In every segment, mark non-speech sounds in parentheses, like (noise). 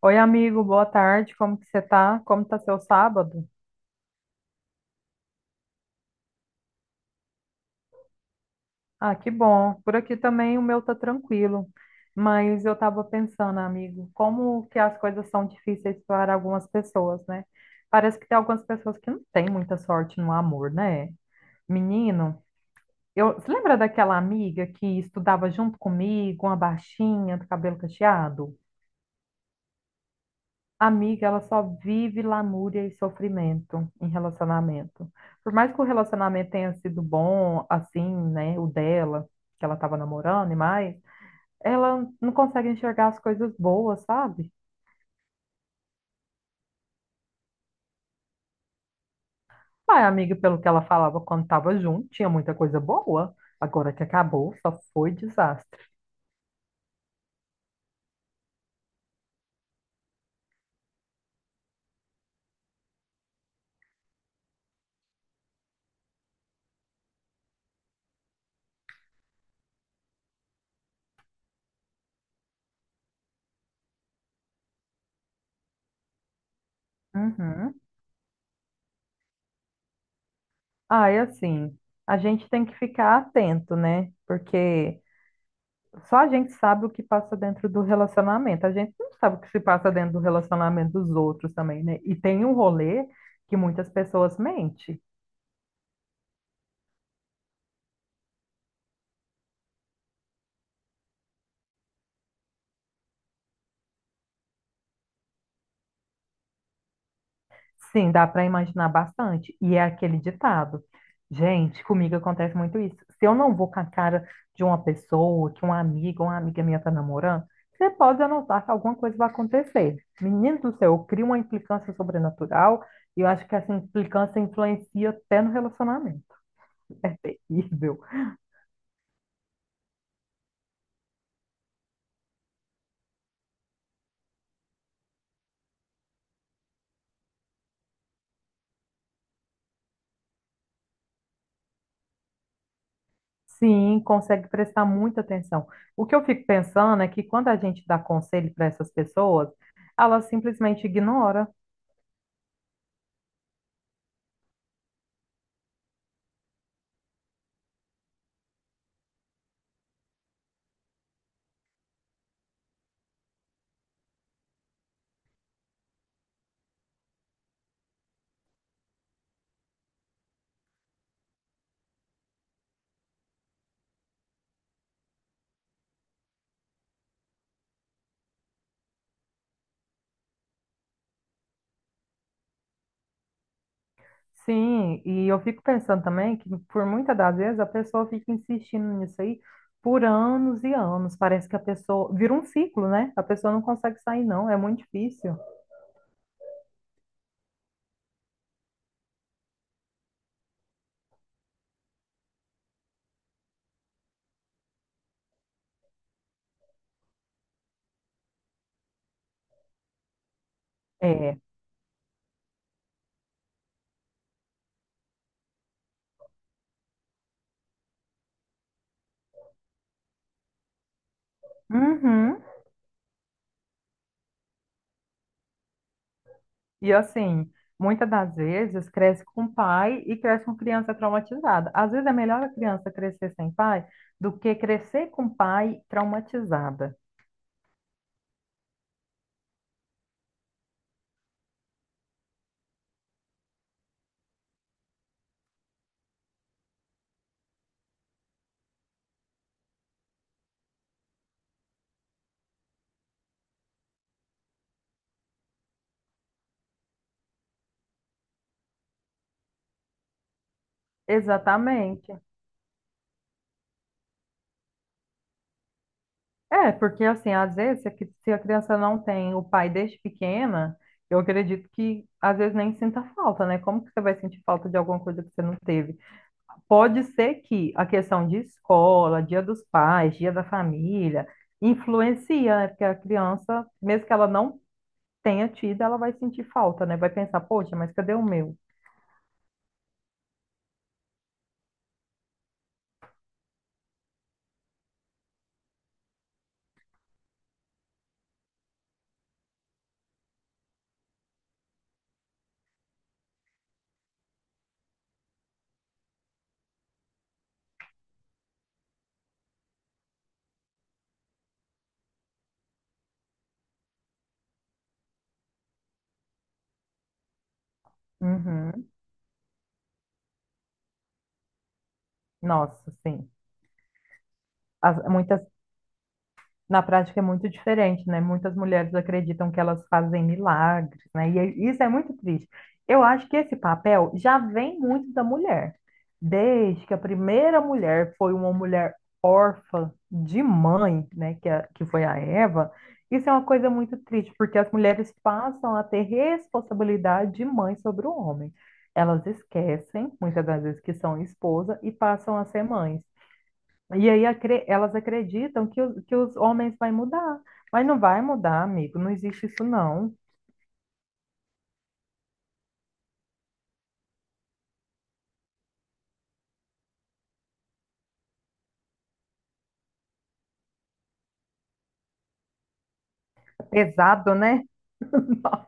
Oi, amigo, boa tarde. Como que você tá? Como tá seu sábado? Ah, que bom. Por aqui também o meu tá tranquilo. Mas eu tava pensando, amigo, como que as coisas são difíceis para algumas pessoas, né? Parece que tem algumas pessoas que não têm muita sorte no amor, né? Menino, você lembra daquela amiga que estudava junto comigo, uma baixinha, do cabelo cacheado? Amiga, ela só vive lamúria e sofrimento em relacionamento. Por mais que o relacionamento tenha sido bom, assim, né, o dela, que ela tava namorando e mais, ela não consegue enxergar as coisas boas, sabe? Ai, amiga, pelo que ela falava quando tava junto, tinha muita coisa boa. Agora que acabou, só foi desastre. Uhum. Ai, assim, a gente tem que ficar atento, né? Porque só a gente sabe o que passa dentro do relacionamento. A gente não sabe o que se passa dentro do relacionamento dos outros também, né? E tem um rolê que muitas pessoas mentem. Sim, dá para imaginar bastante. E é aquele ditado. Gente, comigo acontece muito isso. Se eu não vou com a cara de uma pessoa, que uma amiga minha tá namorando, você pode anotar que alguma coisa vai acontecer. Menino do céu, eu crio uma implicância sobrenatural e eu acho que essa implicância influencia até no relacionamento. (laughs) Horrível. Sim, consegue prestar muita atenção. O que eu fico pensando é que quando a gente dá conselho para essas pessoas, elas simplesmente ignoram. Sim, e eu fico pensando também que por muitas das vezes a pessoa fica insistindo nisso aí por anos e anos. Parece que a pessoa vira um ciclo, né? A pessoa não consegue sair, não. É muito difícil. É. Uhum. E assim, muitas das vezes cresce com pai e cresce com criança traumatizada. Às vezes é melhor a criança crescer sem pai do que crescer com pai traumatizada. Exatamente. É, porque assim, às vezes, se a criança não tem o pai desde pequena, eu acredito que às vezes nem sinta falta, né? Como que você vai sentir falta de alguma coisa que você não teve? Pode ser que a questão de escola, dia dos pais, dia da família, influencia, né? Porque a criança, mesmo que ela não tenha tido, ela vai sentir falta, né? Vai pensar, poxa, mas cadê o meu? Uhum. Nossa, sim. As- muitas Na prática é muito diferente, né? Muitas mulheres acreditam que elas fazem milagres, né? Isso é muito triste. Eu acho que esse papel já vem muito da mulher. Desde que a primeira mulher foi uma mulher órfã de mãe, né? Que foi a Eva, isso é uma coisa muito triste, porque as mulheres passam a ter responsabilidade de mãe sobre o homem. Elas esquecem, muitas das vezes, que são esposa e passam a ser mães. E aí elas acreditam que os homens vai mudar. Mas não vai mudar, amigo. Não existe isso, não. É pesado, né? (laughs) Nossa,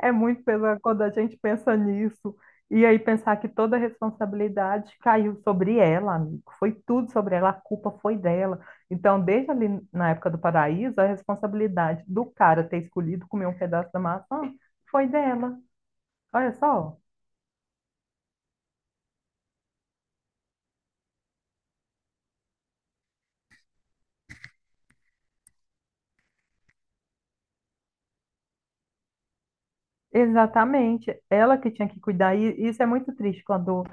é muito pesado quando a gente pensa nisso. E aí pensar que toda a responsabilidade caiu sobre ela, amigo. Foi tudo sobre ela, a culpa foi dela. Então, desde ali na época do paraíso, a responsabilidade do cara ter escolhido comer um pedaço da maçã foi dela. Olha só. Exatamente, ela que tinha que cuidar, e isso é muito triste quando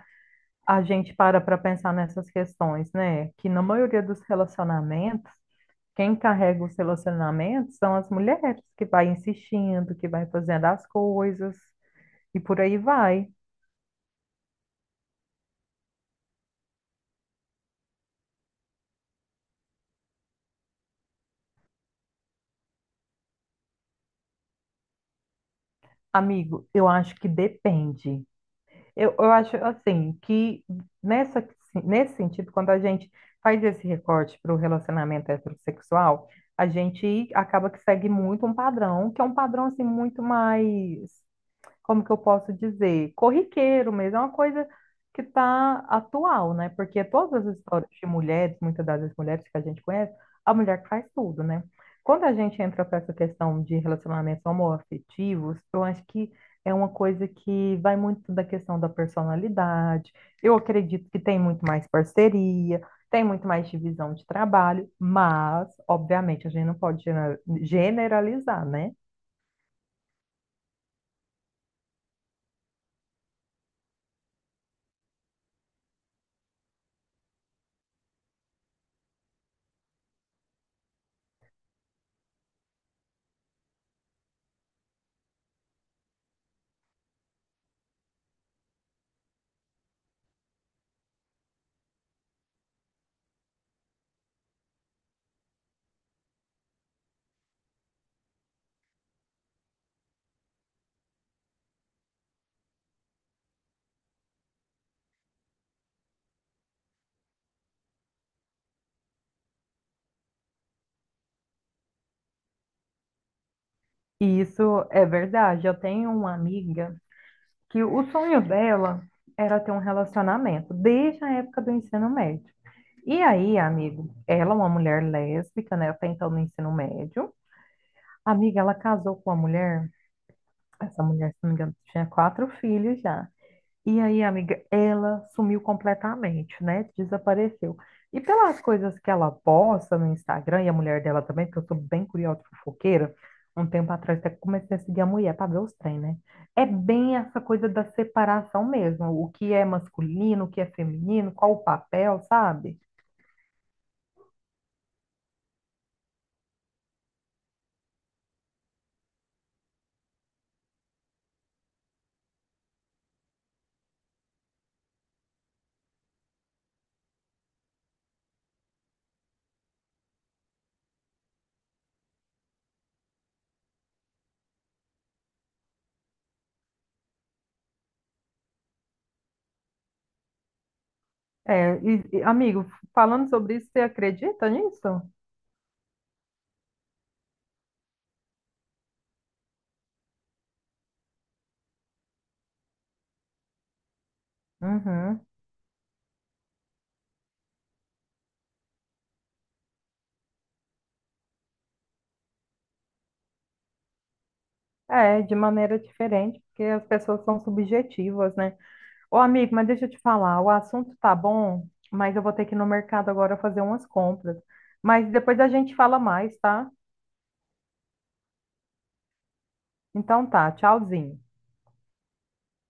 a gente para para pensar nessas questões, né? Que na maioria dos relacionamentos, quem carrega os relacionamentos são as mulheres, que vai insistindo, que vai fazendo as coisas e por aí vai. Amigo, eu acho que depende. Eu acho assim que nessa, nesse sentido, quando a gente faz esse recorte para o relacionamento heterossexual, a gente acaba que segue muito um padrão, que é um padrão assim muito mais como que eu posso dizer, corriqueiro mesmo, é uma coisa que está atual, né? Porque todas as histórias de mulheres, muitas das mulheres que a gente conhece, a mulher que faz tudo, né? Quando a gente entra para essa questão de relacionamentos homoafetivos, eu acho que é uma coisa que vai muito da questão da personalidade. Eu acredito que tem muito mais parceria, tem muito mais divisão de trabalho, mas, obviamente, a gente não pode generalizar, né? E isso é verdade. Eu tenho uma amiga que o sonho dela era ter um relacionamento desde a época do ensino médio. E aí, amigo, ela é uma mulher lésbica, né? Até então no ensino médio. Amiga, ela casou com uma mulher. Essa mulher, se não me engano, tinha 4 filhos já. E aí, amiga, ela sumiu completamente, né? Desapareceu. E pelas coisas que ela posta no Instagram, e a mulher dela também, porque eu sou bem curiosa, e fofoqueira, um tempo atrás até comecei a seguir a mulher para ver os trem, né? É bem essa coisa da separação mesmo, o que é masculino, o que é feminino, qual o papel, sabe? É, e, amigo, falando sobre isso, você acredita nisso? Uhum. É, de maneira diferente, porque as pessoas são subjetivas, né? Ô, amigo, mas deixa eu te falar, o assunto tá bom, mas eu vou ter que ir no mercado agora fazer umas compras. Mas depois a gente fala mais, tá? Então tá, tchauzinho.